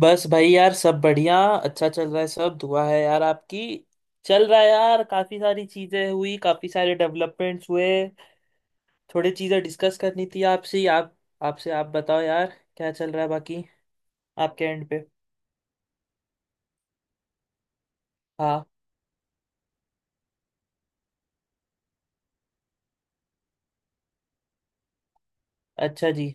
बस भाई यार सब बढ़िया अच्छा चल रहा है सब दुआ है यार आपकी। चल रहा है यार काफी सारी चीजें हुई काफी सारे डेवलपमेंट्स हुए। थोड़ी चीजें डिस्कस करनी थी आपसे ही, आप आपसे आप बताओ यार क्या चल रहा है बाकी। आपके एंड पे। हाँ। अच्छा जी।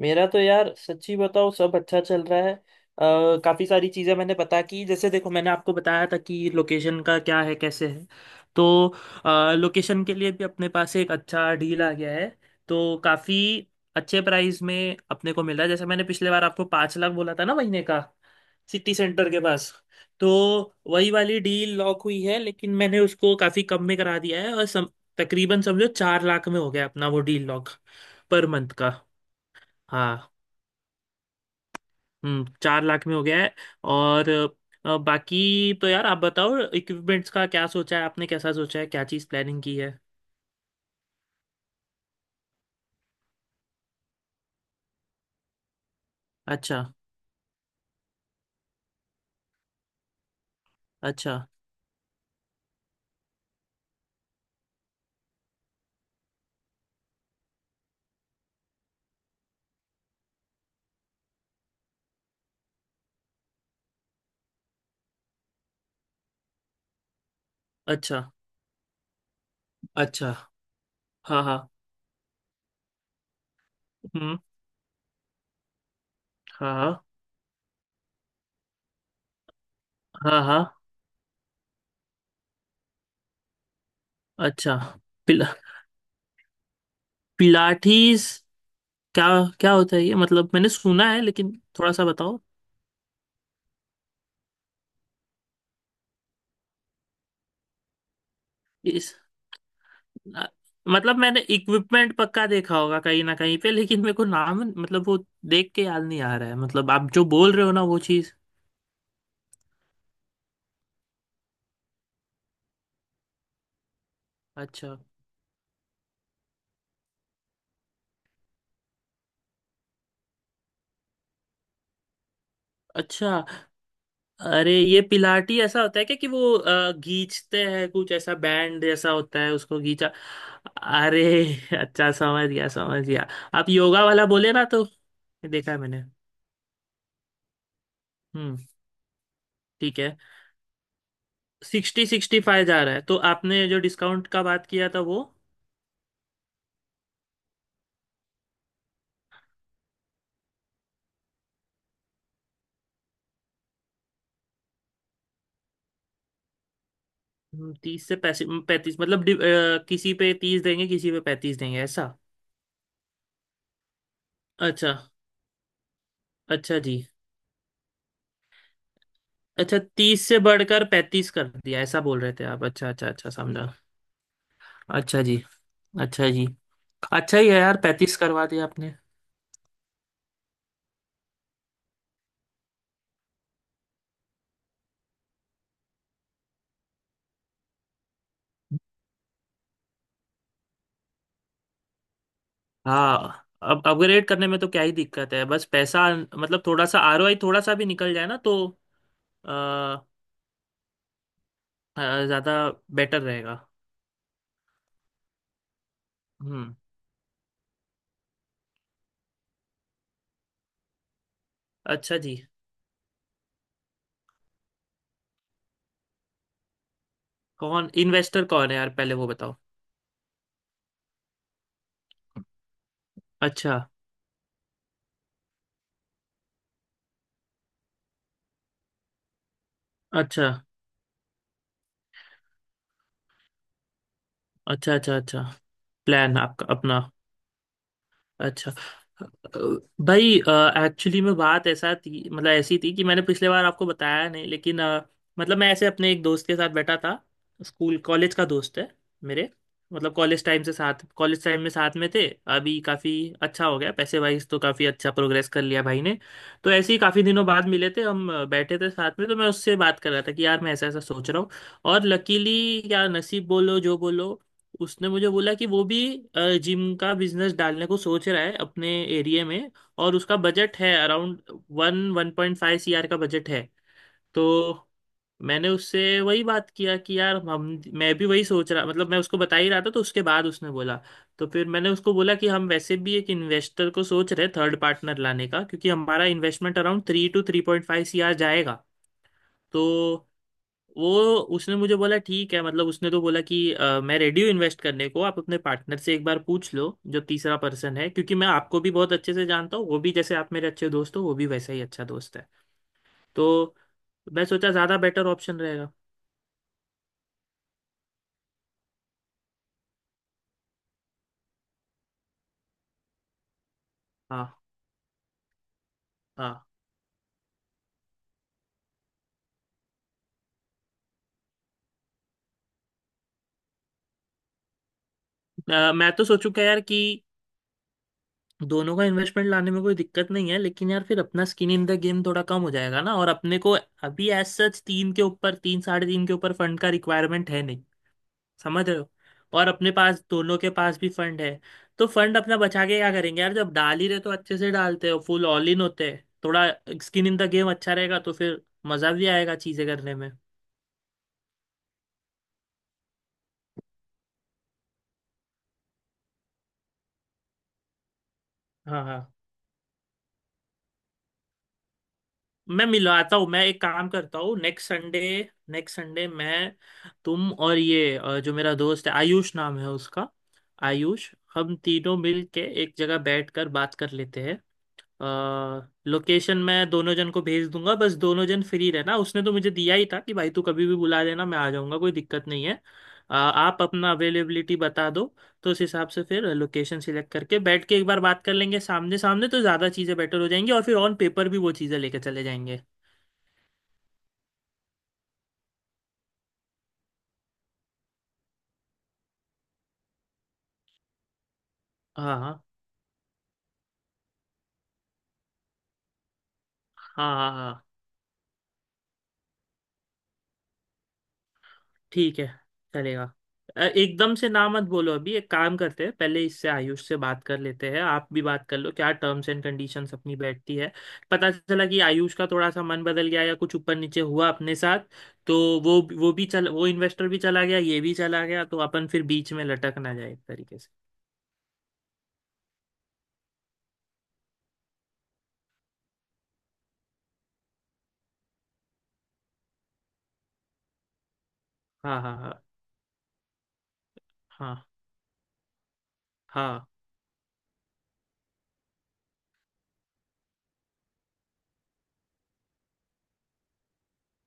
मेरा तो यार सच्ची बताओ सब अच्छा चल रहा है, काफी सारी चीजें मैंने पता की जैसे देखो मैंने आपको बताया था कि लोकेशन का क्या है कैसे है। तो लोकेशन के लिए भी अपने पास एक अच्छा डील आ गया है। तो काफी अच्छे प्राइस में अपने को मिला जैसे मैंने पिछले बार आपको 5 लाख बोला था ना महीने का। सिटी सेंटर के पास। तो वही वाली डील लॉक हुई है लेकिन मैंने उसको काफी कम में करा दिया है और तकरीबन समझो 4 लाख में हो गया अपना वो डील लॉक। पर मंथ का। हाँ। 4 लाख में हो गया है। और बाकी तो यार आप बताओ इक्विपमेंट्स का क्या सोचा है आपने कैसा सोचा है क्या चीज़ प्लानिंग की है। अच्छा। अच्छा। अच्छा। अच्छा। हाँ हाँ। हम्म। हाँ हाँ हाँ हाँ। अच्छा। पिला पिलाटीज क्या क्या होता है ये मतलब मैंने सुना है लेकिन थोड़ा सा बताओ। इस अ, मतलब मैंने इक्विपमेंट पक्का देखा होगा कहीं ना कहीं पे लेकिन मेरे को नाम मतलब वो देख के याद नहीं आ रहा है मतलब आप जो बोल रहे हो ना वो चीज़। अच्छा। अच्छा। अरे ये पिलाटी ऐसा होता है क्या कि वो खींचते हैं कुछ ऐसा बैंड जैसा होता है उसको खींचा। अरे। अच्छा समझ गया समझ गया। आप योगा वाला बोले ना तो देखा है मैंने। हम्म। ठीक है। 60-65 जा रहा है तो आपने जो डिस्काउंट का बात किया था वो। 30 से 35 मतलब किसी पे 30 देंगे किसी पे 35 देंगे ऐसा। अच्छा। अच्छा जी। अच्छा 30 से बढ़कर 35 कर दिया ऐसा बोल रहे थे आप अच्छा अच्छा अच्छा समझा। अच्छा जी। अच्छा जी। अच्छा ही है यार 35 करवा दिया आपने। हाँ अब अपग्रेड करने में तो क्या ही दिक्कत है बस पैसा मतलब थोड़ा सा आरओआई थोड़ा सा भी निकल जाए ना तो अ, ज्यादा बेटर रहेगा। हम्म। अच्छा जी। कौन इन्वेस्टर कौन है यार पहले वो बताओ। अच्छा। अच्छा अच्छा अच्छा। अच्छा। प्लान आपका अपना। अच्छा। अ, भाई एक्चुअली में बात ऐसा थी मतलब ऐसी थी कि मैंने पिछले बार आपको बताया नहीं लेकिन मतलब मैं ऐसे अपने एक दोस्त के साथ बैठा था। स्कूल कॉलेज का दोस्त है मेरे। मतलब कॉलेज टाइम में साथ में थे। अभी काफ़ी अच्छा हो गया पैसे वाइज तो काफ़ी अच्छा प्रोग्रेस कर लिया भाई ने। तो ऐसे ही काफ़ी दिनों बाद मिले थे हम बैठे थे साथ में तो मैं उससे बात कर रहा था कि यार मैं ऐसा ऐसा सोच रहा हूँ। और लकीली या नसीब बोलो जो बोलो उसने मुझे बोला कि वो भी जिम का बिजनेस डालने को सोच रहा है अपने एरिया में। और उसका बजट है अराउंड वन 1.5 CR का बजट है। तो मैंने उससे वही बात किया कि यार हम मैं भी वही सोच रहा मतलब मैं उसको बता ही रहा था तो उसके बाद उसने बोला। तो फिर मैंने उसको बोला कि हम वैसे भी एक इन्वेस्टर को सोच रहे थर्ड पार्टनर लाने का क्योंकि हमारा इन्वेस्टमेंट अराउंड 3-3.5 CR जाएगा। तो वो उसने मुझे बोला ठीक है मतलब उसने तो बोला कि मैं रेडी हूँ इन्वेस्ट करने को आप अपने पार्टनर से एक बार पूछ लो जो तीसरा पर्सन है क्योंकि मैं आपको भी बहुत अच्छे से जानता हूँ वो भी जैसे आप मेरे अच्छे दोस्त हो वो भी वैसा ही अच्छा दोस्त है"। तो मैं सोचा ज़्यादा बेटर ऑप्शन रहेगा। हाँ हाँ। मैं तो सोचू क्या यार कि दोनों का इन्वेस्टमेंट लाने में कोई दिक्कत नहीं है लेकिन यार फिर अपना स्किन इन द गेम थोड़ा कम हो जाएगा ना और अपने को अभी एज सच तीन के ऊपर तीन साढ़े तीन के ऊपर फंड का रिक्वायरमेंट है। समझ रहे हो। और अपने पास दोनों के पास भी फंड है। तो फंड अपना बचा के क्या करेंगे यार जब डाल ही रहे तो अच्छे से डालते हो फुल ऑल इन होते हैं थोड़ा स्किन इन द गेम अच्छा रहेगा तो फिर मजा भी आएगा चीजें करने में। हाँ हाँ। मैं मिलवाता हूँ मैं एक काम करता हूँ नेक्स्ट संडे। नेक्स्ट संडे मैं तुम और ये जो मेरा दोस्त है आयुष नाम है उसका। आयुष हम तीनों मिल के एक जगह बैठ कर बात कर लेते हैं। लोकेशन मैं दोनों जन को भेज दूंगा बस दोनों जन फ्री रहना उसने तो मुझे दिया ही था कि भाई तू कभी भी बुला लेना मैं आ जाऊंगा कोई दिक्कत नहीं है। आप अपना अवेलेबिलिटी बता दो। तो उस हिसाब से फिर लोकेशन सिलेक्ट करके बैठ के एक बार बात कर लेंगे सामने सामने तो ज़्यादा चीज़ें बेटर हो जाएंगी और फिर ऑन पेपर भी वो चीज़ें लेके चले जाएंगे। हाँ हाँ हाँ हाँ हाँ। ठीक है। चलेगा। एकदम से ना मत बोलो अभी एक काम करते हैं पहले इससे आयुष से बात कर लेते हैं आप भी बात कर लो क्या टर्म्स एंड कंडीशंस अपनी बैठती है। पता चला कि आयुष का थोड़ा सा मन बदल गया या कुछ ऊपर नीचे हुआ अपने साथ। तो वो इन्वेस्टर भी चला गया ये भी चला गया तो अपन फिर बीच में लटक ना जाए एक तरीके से। हाँ हाँ हाँ हाँ हाँ।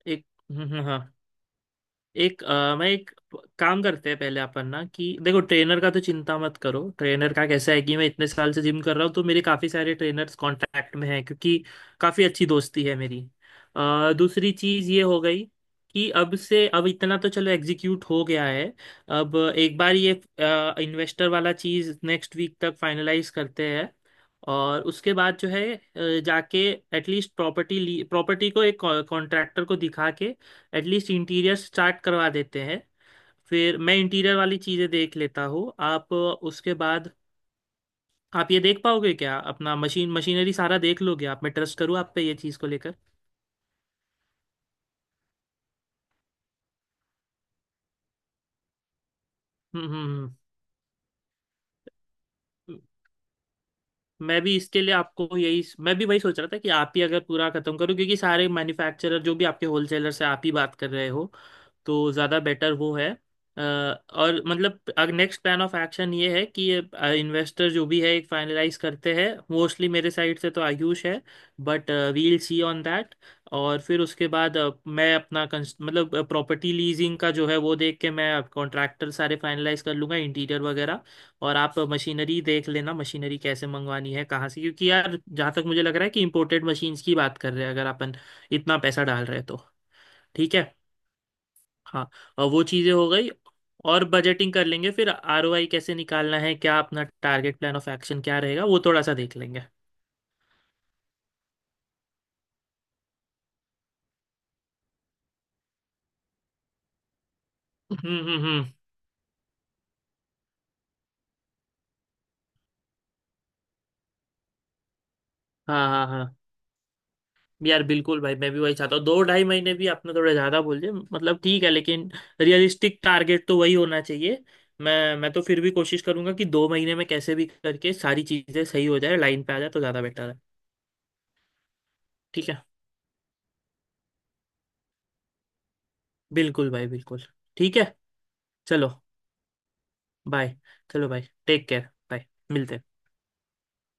एक। हाँ। एक अ, मैं एक काम करते हैं पहले अपन ना कि देखो ट्रेनर का तो चिंता मत करो ट्रेनर का कैसा है कि मैं इतने साल से जिम कर रहा हूँ तो मेरे काफ़ी सारे ट्रेनर्स कांटेक्ट में हैं क्योंकि काफ़ी अच्छी दोस्ती है मेरी। दूसरी चीज़ ये हो गई कि अब इतना तो चलो एग्जीक्यूट हो गया है। अब एक बार ये इन्वेस्टर वाला चीज़ नेक्स्ट वीक तक फाइनलाइज करते हैं। और उसके बाद जो है जाके एटलीस्ट प्रॉपर्टी ली प्रॉपर्टी को एक कॉन्ट्रैक्टर को दिखा के एटलीस्ट इंटीरियर स्टार्ट करवा देते हैं। फिर मैं इंटीरियर वाली चीज़ें देख लेता हूँ आप उसके बाद। आप ये देख पाओगे क्या अपना मशीनरी सारा देख लोगे आप मैं ट्रस्ट करूँ आप पे ये चीज़ को लेकर। हम्म हम्म हम्म। मैं भी इसके लिए आपको यही मैं भी वही सोच रहा था कि आप ही अगर पूरा खत्म करो क्योंकि सारे मैन्युफैक्चरर जो भी आपके होलसेलर से आप ही बात कर रहे हो तो ज़्यादा बेटर वो है। और मतलब नेक्स्ट प्लान ऑफ एक्शन ये है कि इन्वेस्टर जो भी है एक फाइनलाइज करते हैं मोस्टली मेरे साइड से तो आयुष है but we'll see on that. और फिर उसके बाद मैं अपना मतलब प्रॉपर्टी लीजिंग का जो है वो देख के मैं कॉन्ट्रैक्टर सारे फाइनलाइज कर लूँगा इंटीरियर वगैरह। और आप मशीनरी देख लेना मशीनरी कैसे मंगवानी है कहाँ से क्योंकि यार जहाँ तक मुझे लग रहा है कि इम्पोर्टेड मशीन्स की बात कर रहे हैं अगर अपन इतना पैसा डाल रहे हैं तो। ठीक है। हाँ। और वो चीज़ें हो गई और बजटिंग कर लेंगे फिर आरओआई कैसे निकालना है क्या अपना टारगेट प्लान ऑफ एक्शन क्या रहेगा वो थोड़ा सा देख लेंगे हम्म। हाँ हाँ हाँ। यार बिल्कुल भाई मैं भी वही चाहता हूँ 2-2.5 महीने भी आपने थोड़ा ज्यादा बोल दिया मतलब ठीक है लेकिन रियलिस्टिक टारगेट तो वही होना चाहिए। मैं तो फिर भी कोशिश करूंगा कि 2 महीने में कैसे भी करके सारी चीजें सही हो जाए लाइन पे आ जाए तो ज्यादा बेटर है। ठीक है। बिल्कुल भाई बिल्कुल। ठीक है। चलो। बाय। चलो भाई। Take care bye. मिलते हैं।